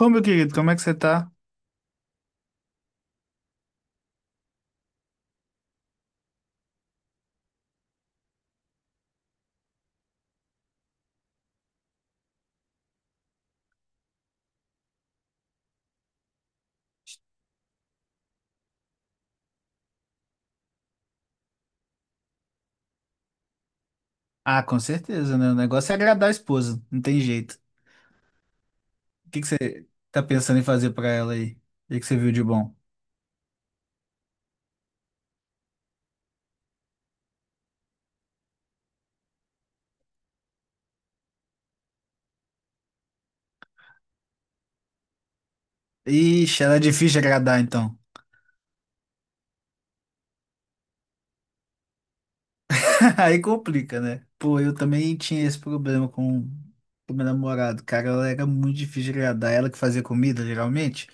Ô, meu querido, como é que você tá? Ah, com certeza, né? O negócio é agradar a esposa, não tem jeito. O que que você tá pensando em fazer pra ela aí? O que que você viu de bom? Ixi, ela é difícil de agradar, então. Aí complica, né? Pô, eu também tinha esse problema com o meu namorado. Cara, ela era muito difícil de agradar. Ela que fazia comida, geralmente.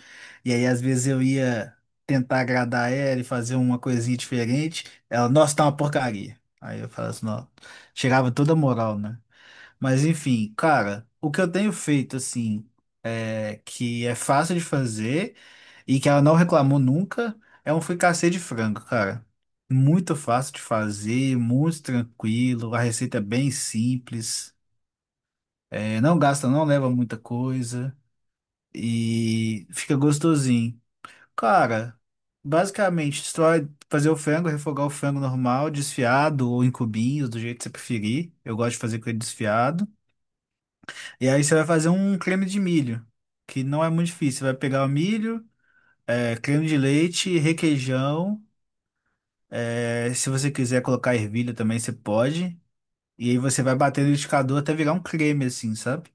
E aí, às vezes, eu ia tentar agradar ela e fazer uma coisinha diferente. Ela, nossa, tá uma porcaria. Aí eu falava assim, ó, tirava toda a moral, né? Mas enfim, cara, o que eu tenho feito assim, que é fácil de fazer e que ela não reclamou nunca, é um fricassê de frango, cara. Muito fácil de fazer, muito tranquilo, a receita é bem simples, não gasta, não leva muita coisa e fica gostosinho. Cara, basicamente, você vai fazer o frango, refogar o frango normal, desfiado ou em cubinhos, do jeito que você preferir. Eu gosto de fazer com ele desfiado. E aí você vai fazer um creme de milho, que não é muito difícil. Você vai pegar o milho, creme de leite, requeijão. Se você quiser colocar ervilha também, você pode. E aí você vai bater no liquidificador até virar um creme, assim, sabe?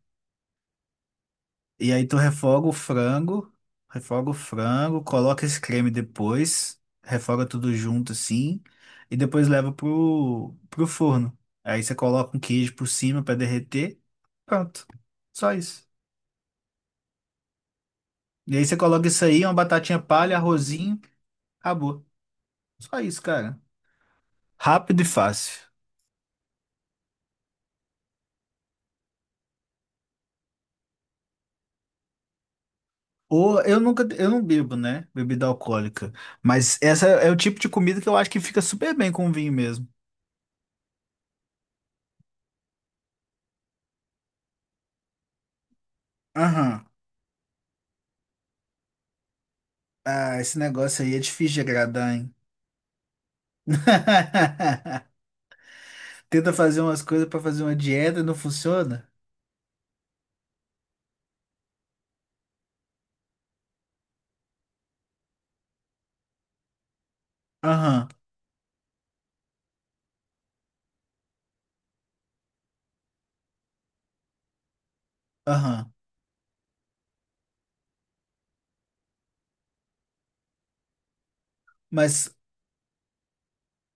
E aí tu refoga o frango, coloca esse creme depois, refoga tudo junto, assim, e depois leva pro, forno. Aí você coloca um queijo por cima para derreter. Pronto. Só isso. E aí você coloca isso aí, uma batatinha palha, arrozinho, acabou. Só isso, cara. Rápido e fácil. Ou eu nunca, eu não bebo, né? Bebida alcoólica. Mas essa é o tipo de comida que eu acho que fica super bem com vinho mesmo. Aham. Ah, esse negócio aí é difícil de agradar, hein? Tenta fazer umas coisas pra fazer uma dieta e não funciona? Aham, aham. Mas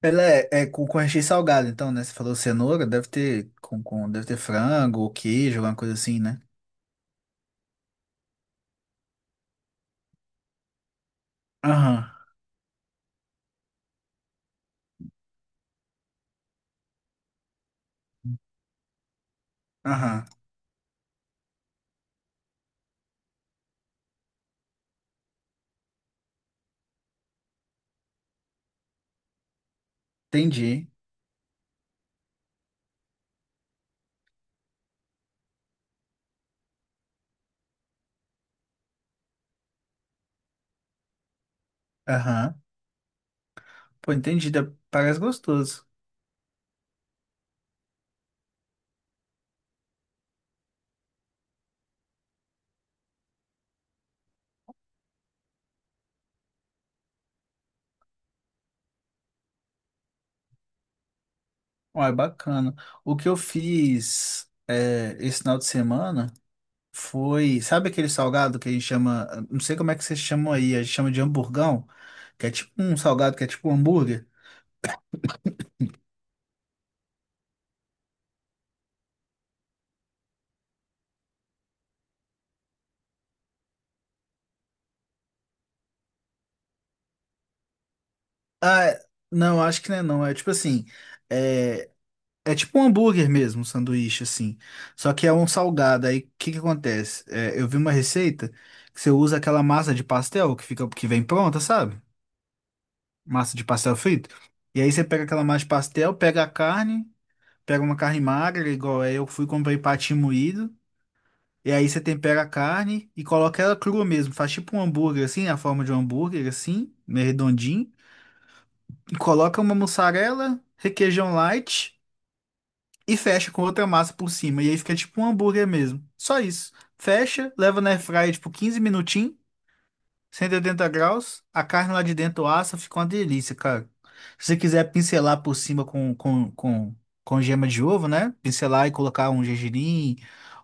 ela é, com, recheio salgado, então, né? Você falou cenoura, deve ter com deve ter frango ou queijo, alguma coisa assim, né? Aham. Aham, entendi. Aham. Pô, entendi. Parece gostoso. Uai, bacana. O que eu fiz é, esse final de semana foi. Sabe aquele salgado que a gente chama. Não sei como é que vocês chamam aí, a gente chama de hamburgão, que é tipo um salgado que é tipo um hambúrguer. Ah, não, acho que não é não. É tipo assim. É, é tipo um hambúrguer mesmo, um sanduíche, assim. Só que é um salgado. Aí o que que acontece? É, eu vi uma receita que você usa aquela massa de pastel que fica, que vem pronta, sabe? Massa de pastel frito. E aí você pega aquela massa de pastel, pega a carne, pega uma carne magra, igual eu fui e comprei patinho moído. E aí você tempera a carne e coloca ela crua mesmo. Faz tipo um hambúrguer assim, a forma de um hambúrguer assim, meio redondinho. E coloca uma mussarela, requeijão light e fecha com outra massa por cima. E aí fica tipo um hambúrguer mesmo. Só isso. Fecha, leva na airfryer tipo 15 minutinhos. 180 graus, a carne lá de dentro assa, fica uma delícia, cara. Se você quiser pincelar por cima com gema de ovo, né? Pincelar e colocar um gergelim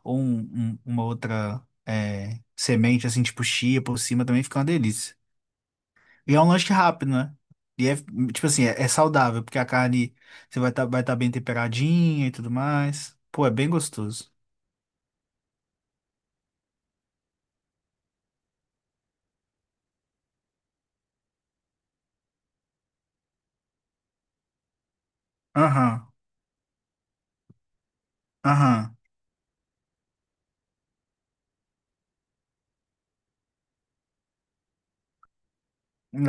ou uma outra semente, assim, tipo chia por cima, também fica uma delícia. E é um lanche rápido, né? E é, tipo assim, é saudável, porque a carne você vai tá bem temperadinha e tudo mais. Pô, é bem gostoso. Aham, aham.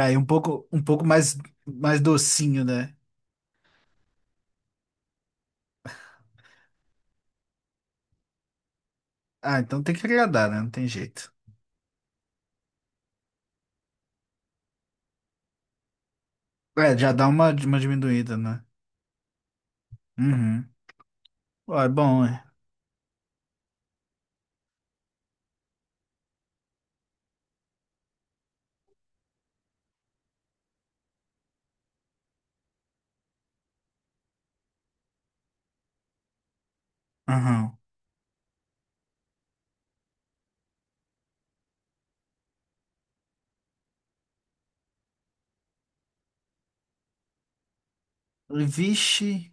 Aí um pouco mais, mais docinho, né? Ah, então tem que agradar, né? Não tem jeito. É, já dá uma diminuída, né? Uhum. Ó, é bom, é. Aham. Vixe.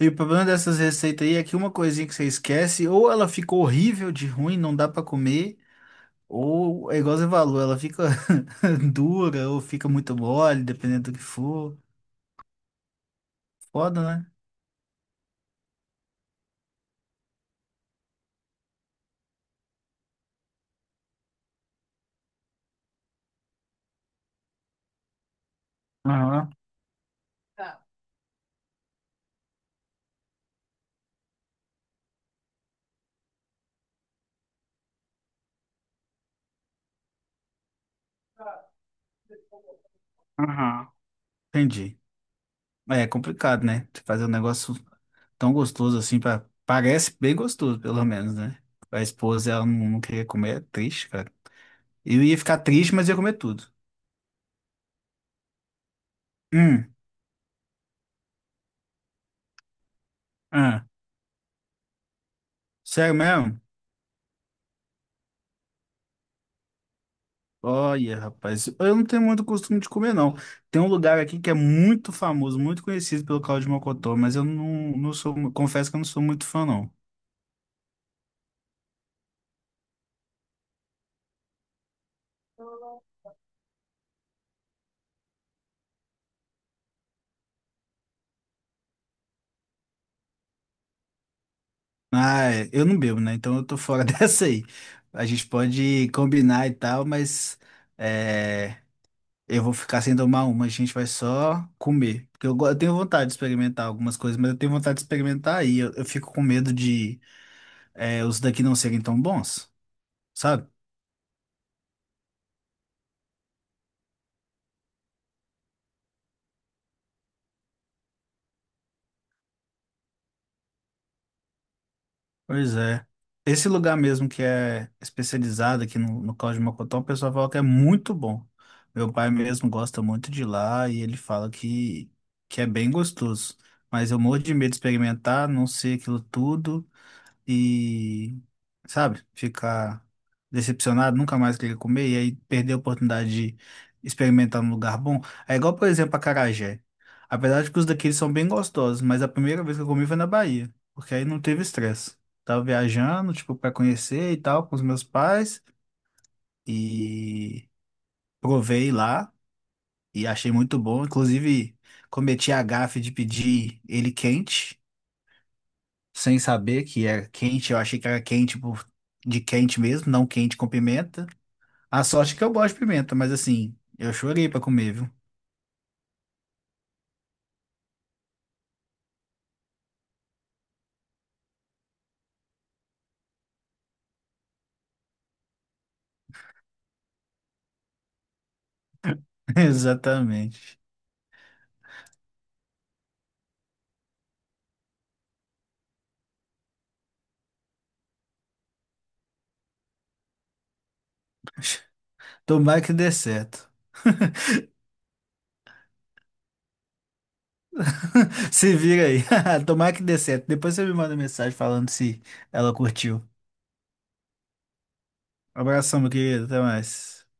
E o problema dessas receitas aí é que uma coisinha que você esquece, ou ela fica horrível de ruim, não dá pra comer, ou é igual você falou, ela fica dura ou fica muito mole, dependendo do que for. Foda, né? Aham. Tá. Aham. Entendi. É complicado, né? Você fazer um negócio tão gostoso assim, pra parece bem gostoso, pelo menos, né? A esposa, ela não queria comer, é triste, cara. Eu ia ficar triste, mas ia comer tudo. Hum, ah, sério mesmo? Olha, rapaz, eu não tenho muito costume de comer, não. Tem um lugar aqui que é muito famoso, muito conhecido pelo caldo de mocotó, mas eu não sou, confesso que eu não sou muito fã, não. Ah, eu não bebo, né? Então eu tô fora dessa aí. A gente pode combinar e tal, mas. é, Eu vou ficar sem tomar uma, a gente vai só comer. Porque eu tenho vontade de experimentar algumas coisas, mas eu tenho vontade de experimentar aí. Eu fico com medo de os daqui não serem tão bons, sabe? Pois é. Esse lugar mesmo que é especializado aqui no caldo de Mocotó, o pessoal fala que é muito bom. Meu pai mesmo gosta muito de lá e ele fala que é bem gostoso. Mas eu morro de medo de experimentar, não sei aquilo tudo. E, sabe, ficar decepcionado, nunca mais querer comer, e aí perder a oportunidade de experimentar num lugar bom. É igual, por exemplo, acarajé. Apesar de que os daqueles são bem gostosos, mas a primeira vez que eu comi foi na Bahia, porque aí não teve estresse. Tava viajando, tipo, para conhecer e tal, com os meus pais, e provei lá, e achei muito bom. Inclusive, cometi a gafe de pedir ele quente. Sem saber que era quente. Eu achei que era quente por, de quente mesmo, não quente com pimenta. A sorte é que eu gosto de pimenta, mas assim, eu chorei pra comer, viu? Exatamente. Tomara que dê certo. Se vira aí. Tomara que dê certo. Depois você me manda mensagem falando se ela curtiu. Abração, meu querido. Até mais.